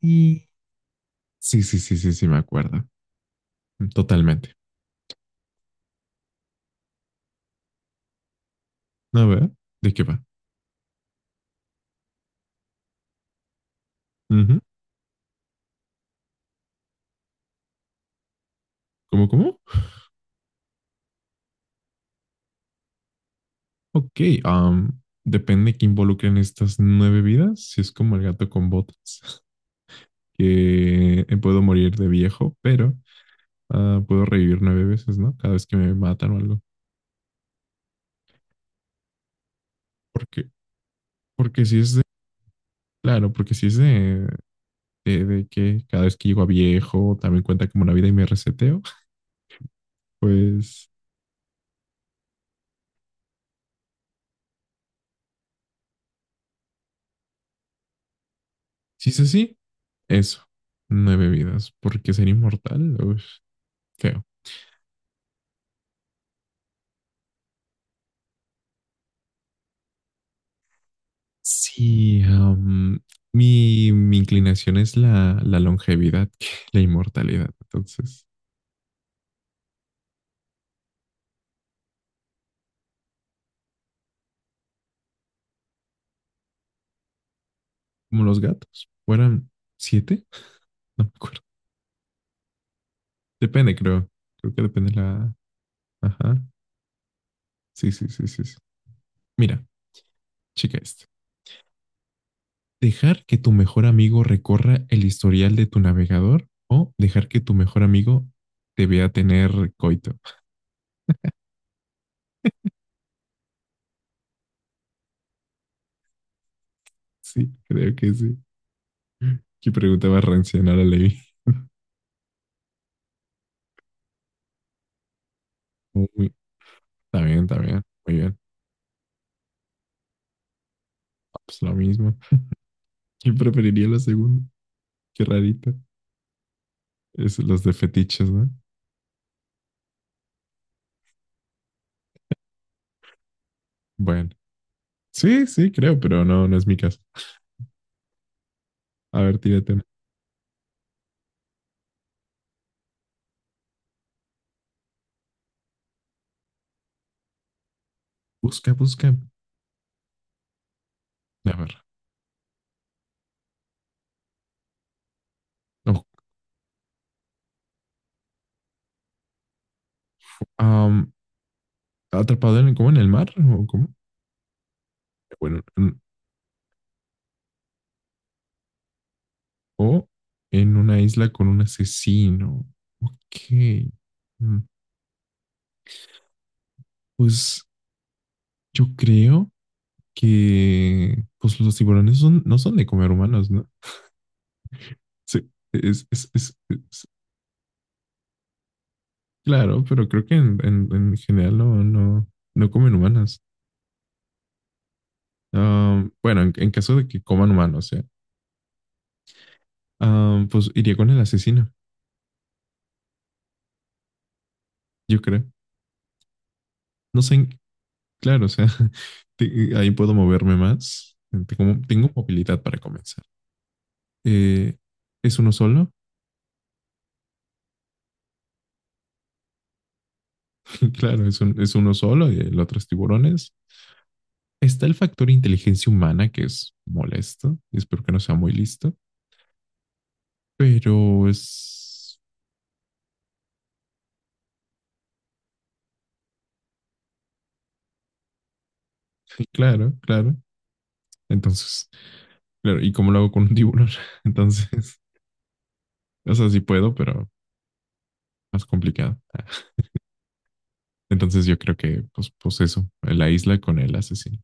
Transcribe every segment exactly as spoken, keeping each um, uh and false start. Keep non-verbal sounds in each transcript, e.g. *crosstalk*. Y, sí, sí, sí, sí, sí, me acuerdo. Totalmente. A ver, ¿de qué va? Ujú. ¿Cómo, cómo? Ok, am, depende que involucren estas nueve vidas. Si es como el gato con botas, *laughs* que puedo morir de viejo, pero ah, puedo revivir nueve veces, ¿no? Cada vez que me matan o algo. Porque, porque si es de, claro, porque si es de, de, de que cada vez que llego a viejo también cuenta como una vida y me reseteo, *laughs* pues. Si es así, eso. Nueve vidas, porque ser inmortal, uf, feo. Sí, am, mi, mi inclinación es la, la longevidad *laughs* que la inmortalidad. Entonces, como los gatos, ¿fueran siete? *laughs* No me acuerdo. Depende, creo. Creo que depende la... Ajá. Sí, sí, sí, sí, sí. Mira, chica esto. Dejar que tu mejor amigo recorra el historial de tu navegador o dejar que tu mejor amigo te vea tener coito. *laughs* Sí, creo que sí. ¿Qué pregunta más rancia? No la leí. Uy, está bien, está bien. Muy bien. Ah, pues lo mismo. ¿Quién preferiría la segunda? Qué rarita. Es los de fetiches, ¿no? Bueno. Sí, sí, creo, pero no, no es mi caso. A ver, tírate una. Busca, busca. A ver. Oh, am, ¿atrapado en, cómo, en el mar? ¿O cómo? Bueno, en- o en una isla con un asesino. Ok. Mm, pues yo creo que pues los tiburones son, no son de comer humanos, ¿no? Sí, es, es, es, es- claro, pero creo que en, en- en general no, no, no comen humanas. Ah, bueno, en, en caso de que coman humanos, o sea, ah, pues iría con el asesino, yo creo. No sé, en- claro, o sea, *laughs* te- ahí puedo moverme más. Tengo, tengo movilidad para comenzar. Eh, ¿es uno solo? *laughs* Claro, es, un- es uno solo y el otro es tiburones. Está el factor inteligencia humana que es molesto. Espero que no sea muy listo, pero es. Claro, claro. Entonces, claro, ¿y cómo lo hago con un tiburón? *laughs* Entonces, o sea, sí puedo, pero más complicado. *laughs* Entonces yo creo que, pues, pues eso, la isla con el asesino.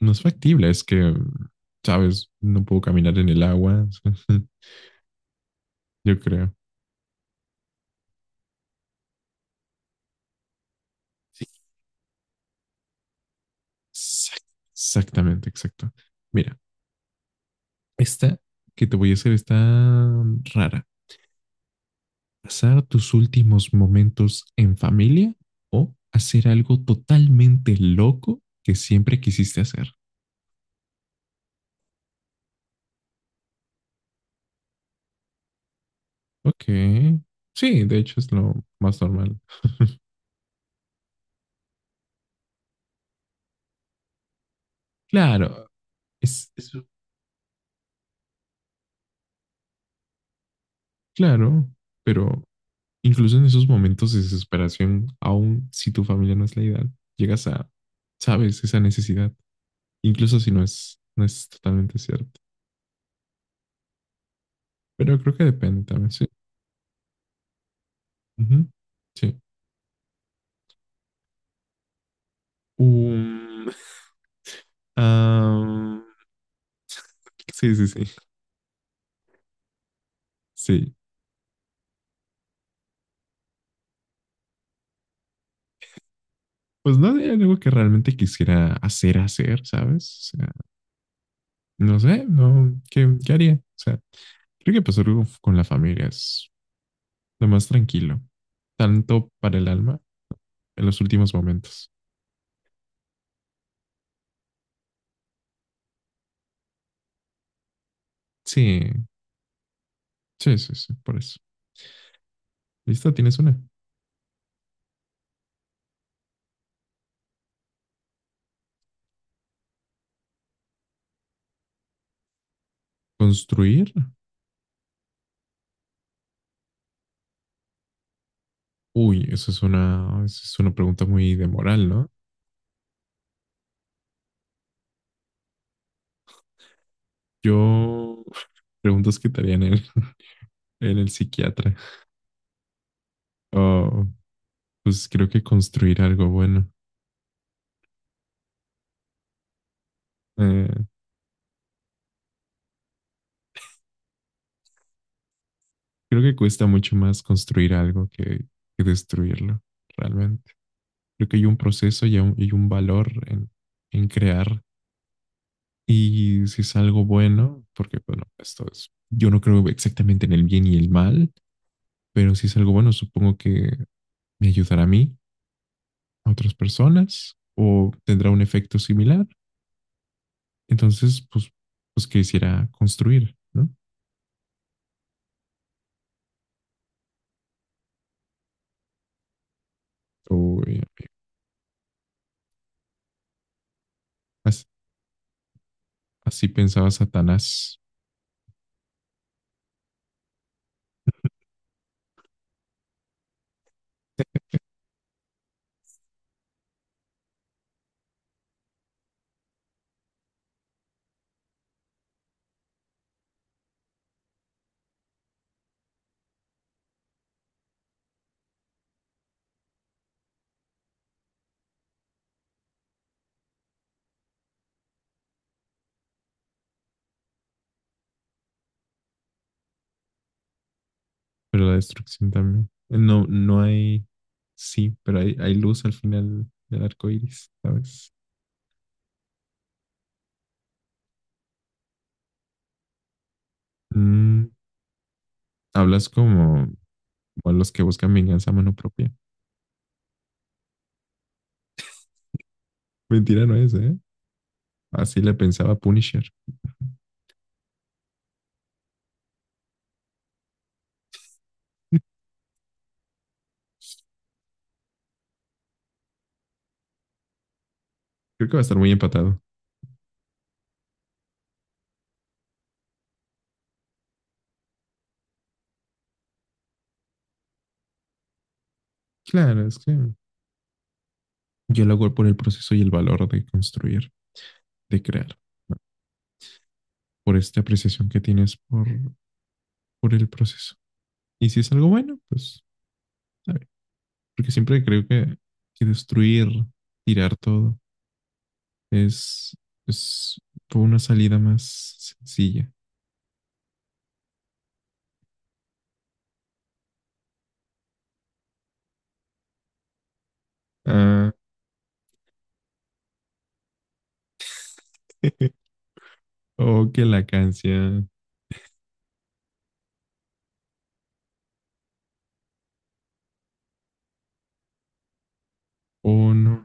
No es factible, es que, sabes, no puedo caminar en el agua, *laughs* yo creo. Sí. Exact- Exactamente, exacto. Mira, esta que te voy a hacer está rara. ¿Pasar tus últimos momentos en familia o hacer algo totalmente loco que siempre quisiste hacer? Ok. Sí, de hecho es lo más normal. Claro, es, es- claro, pero incluso en esos momentos de desesperación, aun si tu familia no es la ideal, llegas a, sabes, esa necesidad, incluso si no es, no es totalmente cierto. Pero creo que depende también, sí. Ujú, sí. Um, *laughs* ah, sí, sí, sí. Sí, pues no es algo que realmente quisiera hacer, hacer, ¿sabes? O sea, no sé, no, ¿qué, qué haría? O sea, creo que pasar algo con la familia es lo más tranquilo, tanto para el alma en los últimos momentos. Sí, sí, sí, sí, por eso. ¿Listo? ¿Tienes una? ¿Construir? Uy, eso es una, eso es una pregunta muy de moral, ¿no? Yo *laughs* preguntas que te harían en, *laughs* en el psiquiatra. Oh, pues creo que construir algo bueno. Eh, Creo que cuesta mucho más construir algo que, que destruirlo, realmente. Creo que hay un proceso y un, y un valor en, en, crear. Y si es algo bueno, porque bueno, esto es, yo no creo exactamente en el bien y el mal, pero si es algo bueno, supongo que me ayudará a mí, a otras personas, o tendrá un efecto similar. Entonces, pues, pues quisiera construir, ¿no? O eh, as- así pensaba Satanás. Pero la destrucción también. No, no hay, sí, pero hay, hay luz al final del arco iris, ¿sabes? Mm, hablas como, como los que buscan venganza a mano propia. Mentira no es, ¿eh? Así le pensaba Punisher. Creo que va a estar muy empatado. Claro, es que yo lo hago por el proceso y el valor de construir, de crear, ¿no? Por esta apreciación que tienes por, por el proceso. Y si es algo bueno, pues, a ver, porque siempre creo que, que destruir, tirar todo, Es, es por una salida más sencilla. Ah, *laughs* o que la canción. Oh, no.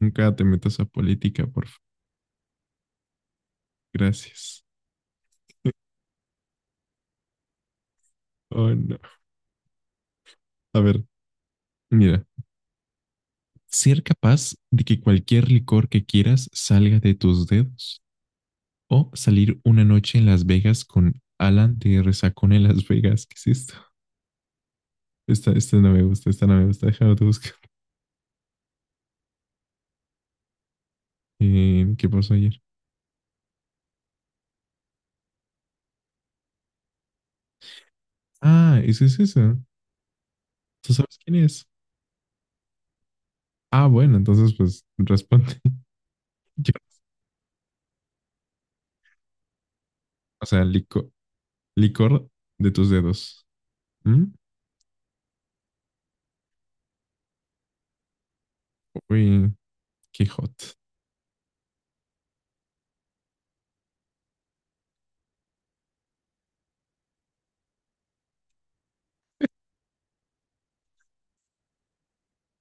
Nunca te metas a política, por favor. Gracias. *laughs* Oh, no. A ver, mira. Ser capaz de que cualquier licor que quieras salga de tus dedos. O salir una noche en Las Vegas con Alan de Resacón en Las Vegas. ¿Qué es esto? Esta, esta no me gusta, esta no me gusta. Déjame te buscar. Eh, ¿qué pasó ayer? Ah, ¿ese es eso? ¿Tú sabes quién es? Ah, bueno, entonces pues responde. *laughs* Yo- O sea, lico- licor de tus dedos. ¿Mm? Uy, qué hot.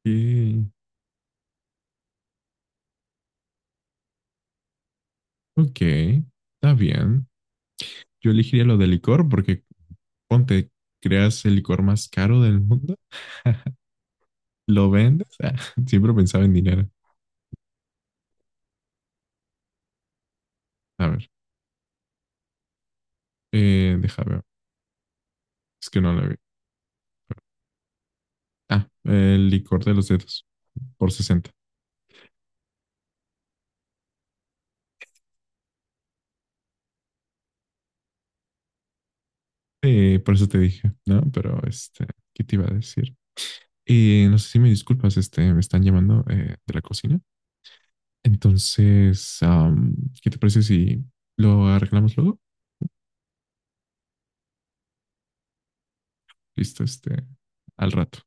Y- Ok, está bien. Yo elegiría lo de licor porque ponte, creas el licor más caro del mundo, lo vendes. *laughs* Ah, siempre pensaba en dinero. A ver, eh, deja ver. Es que no lo vi. Ah, el licor de los dedos por sesenta. Sí, por eso te dije, ¿no? Pero este, ¿qué te iba a decir? Y no sé si me disculpas, este, me están llamando eh, de la cocina. Entonces, am, ¿qué te parece si lo arreglamos luego? Listo, este, al rato.